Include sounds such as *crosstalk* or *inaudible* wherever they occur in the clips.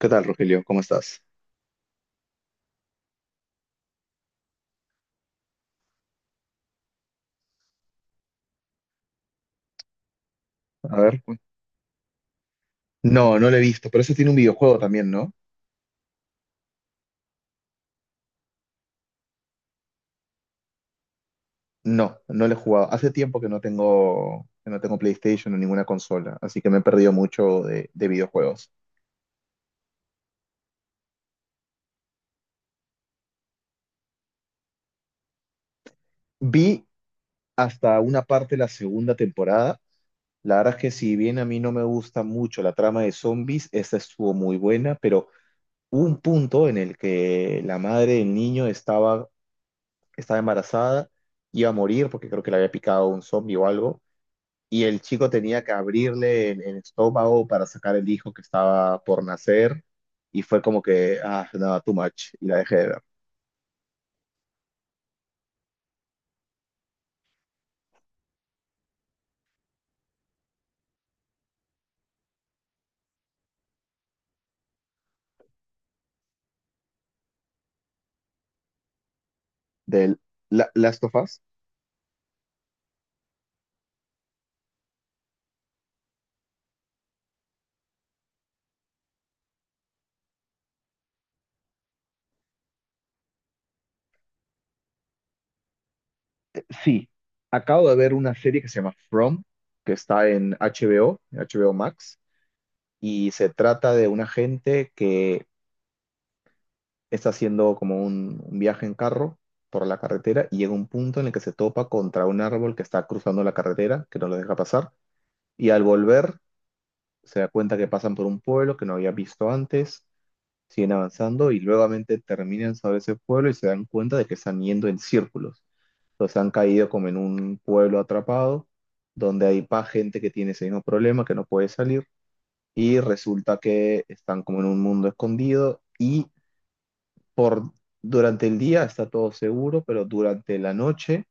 ¿Qué tal, Rogelio? ¿Cómo estás? A ver. No, no lo he visto, pero ese tiene un videojuego también, ¿no? No, no lo he jugado. Hace tiempo que no tengo, PlayStation o ninguna consola, así que me he perdido mucho de videojuegos. Vi hasta una parte de la segunda temporada. La verdad es que si bien a mí no me gusta mucho la trama de zombies, esta estuvo muy buena, pero hubo un punto en el que la madre del niño estaba embarazada, iba a morir porque creo que le había picado un zombie o algo y el chico tenía que abrirle el estómago para sacar el hijo que estaba por nacer y fue como que, ah, no, too much, y la dejé de ver. Del la, Last of Us, sí, acabo de ver una serie que se llama From, que está en HBO, en HBO Max, y se trata de una gente que está haciendo como un viaje en carro por la carretera y llega un punto en el que se topa contra un árbol que está cruzando la carretera, que no lo deja pasar, y al volver se da cuenta que pasan por un pueblo que no había visto antes, siguen avanzando y nuevamente terminan sobre ese pueblo y se dan cuenta de que están yendo en círculos. Entonces han caído como en un pueblo atrapado, donde hay pa gente que tiene ese mismo problema, que no puede salir, y resulta que están como en un mundo escondido y por, durante el día está todo seguro, pero durante la noche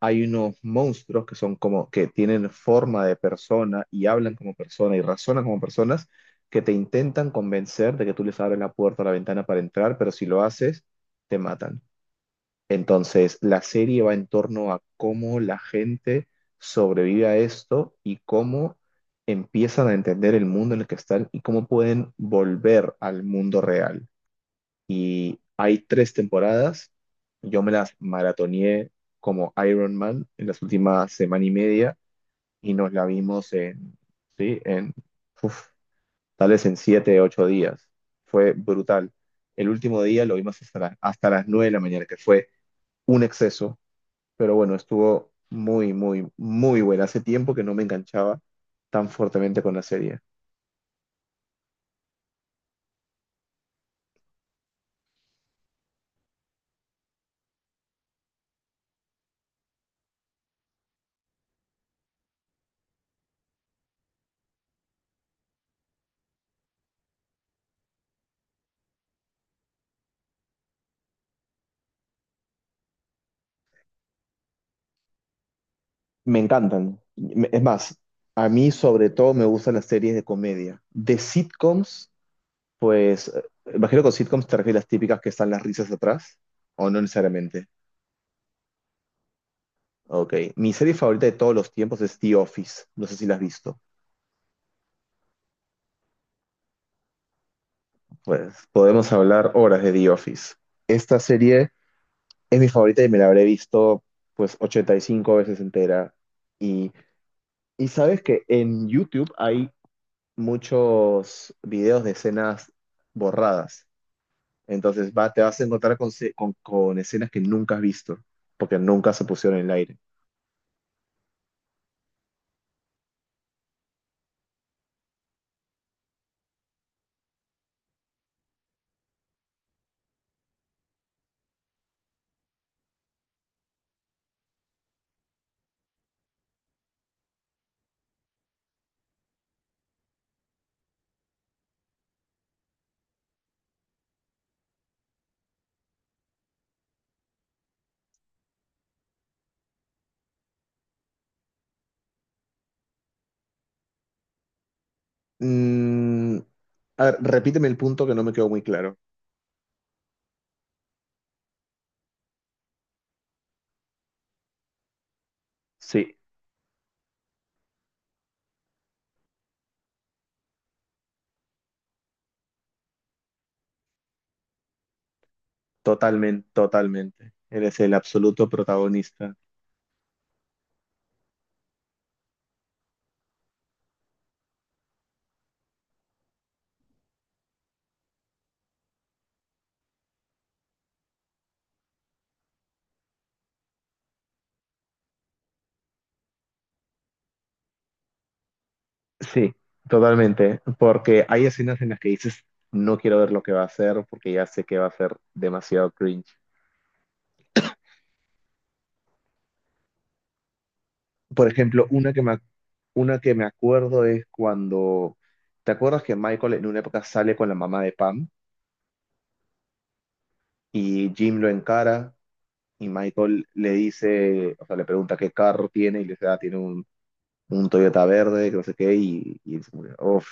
hay unos monstruos que son como que tienen forma de persona y hablan como persona y razonan como personas que te intentan convencer de que tú les abres la puerta o la ventana para entrar, pero si lo haces, te matan. Entonces, la serie va en torno a cómo la gente sobrevive a esto y cómo empiezan a entender el mundo en el que están y cómo pueden volver al mundo real, y hay 3 temporadas. Yo me las maratoneé como Iron Man en las últimas semana y media y nos la vimos en, sí, uf, tal vez en siete, ocho días. Fue brutal. El último día lo vimos hasta, hasta las 9 de la mañana, que fue exceso, pero bueno, estuvo muy, muy, muy buena. Hace tiempo que no me enganchaba tan fuertemente con la serie. Me encantan. Es más, a mí sobre todo me gustan las series de comedia. De sitcoms. Pues, imagino que con sitcoms te refieres a las típicas que están las risas atrás, o no necesariamente. Ok, mi serie favorita de todos los tiempos es The Office, no sé si la has visto. Pues podemos hablar horas de The Office. Esta serie es mi favorita y me la habré visto pues 85 veces entera. Y, y sabes que en YouTube hay muchos videos de escenas borradas. Entonces va, te vas a encontrar con, con escenas que nunca has visto, porque nunca se pusieron en el aire. Mm, a ver, repíteme el punto que no me quedó muy claro. Sí, totalmente, totalmente. Eres el absoluto protagonista. Sí, totalmente. Porque hay escenas en las que dices, no quiero ver lo que va a hacer porque ya sé que va a ser demasiado cringe. Por ejemplo, una que me acuerdo es cuando, ¿te acuerdas que Michael en una época sale con la mamá de Pam y Jim lo encara y Michael le dice, o sea, le pregunta qué carro tiene y le dice, "Ah, tiene un Toyota verde", que no sé qué, y se murió. Uf,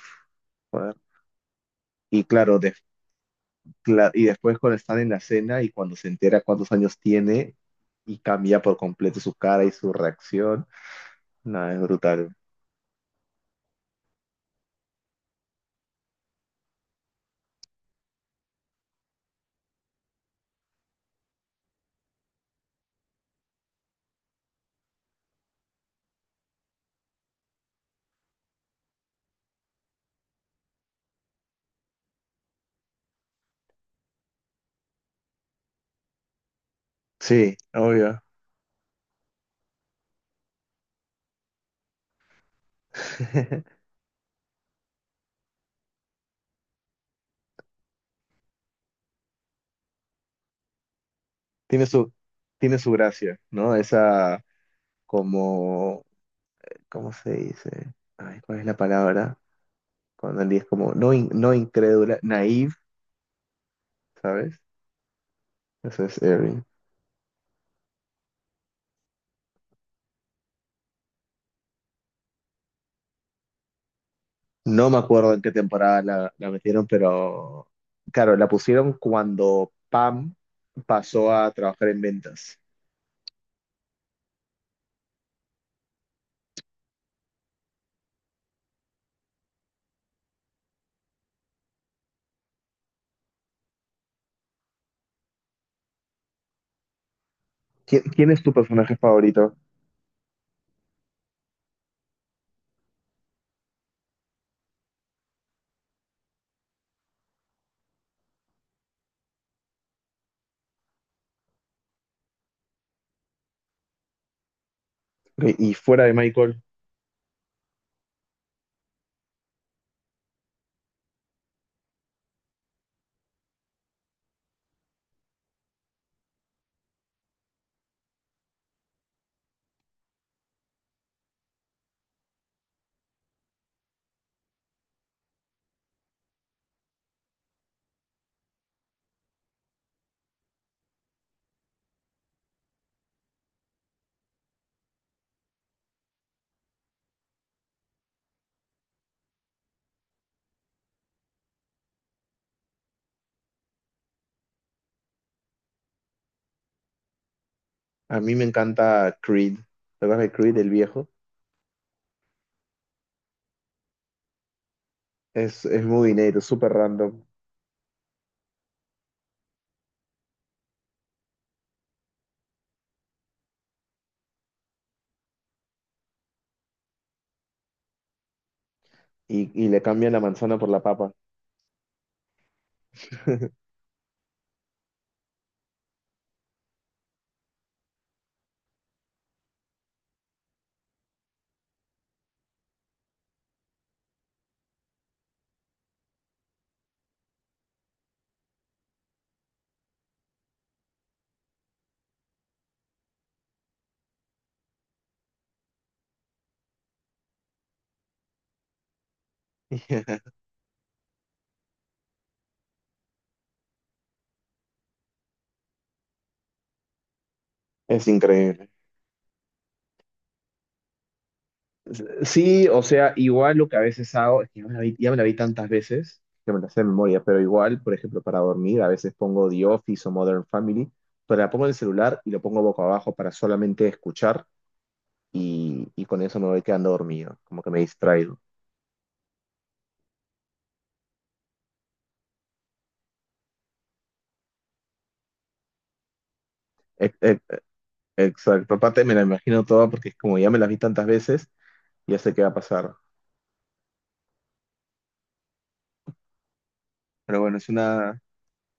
joder. Y claro, y después cuando están en la cena y cuando se entera cuántos años tiene y cambia por completo su cara y su reacción, nada, es brutal. Sí, obvio. *laughs* Tiene su, tiene su gracia, ¿no? Esa como, ¿cómo se dice? Ay, ¿cuál es la palabra? Cuando él es como no, no incrédula, naive, ¿sabes? Eso es Erin. No me acuerdo en qué temporada la metieron, pero claro, la pusieron cuando Pam pasó a trabajar en ventas. ¿Quién es tu personaje favorito? Ok, y fuera de Michael, a mí me encanta Creed. ¿Te acuerdas de Creed, el viejo? Es muy dinero, es súper random. Y le cambian la manzana por la papa. *laughs* Es increíble. Sí, o sea, igual lo que a veces hago, es que ya me la vi, ya me la vi tantas veces que me la sé de memoria, pero igual, por ejemplo, para dormir, a veces pongo The Office o Modern Family, pero la pongo en el celular y lo pongo boca abajo para solamente escuchar y con eso me voy quedando dormido, como que me distraigo. Ex- ex- Exacto, aparte me la imagino toda porque es como ya me la vi tantas veces, ya sé qué va a pasar. Pero bueno, es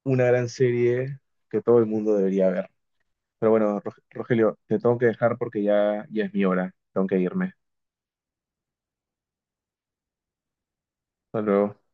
una gran serie que todo el mundo debería ver. Pero bueno, Rogelio, te tengo que dejar porque ya, ya es mi hora, tengo que irme. Hasta luego.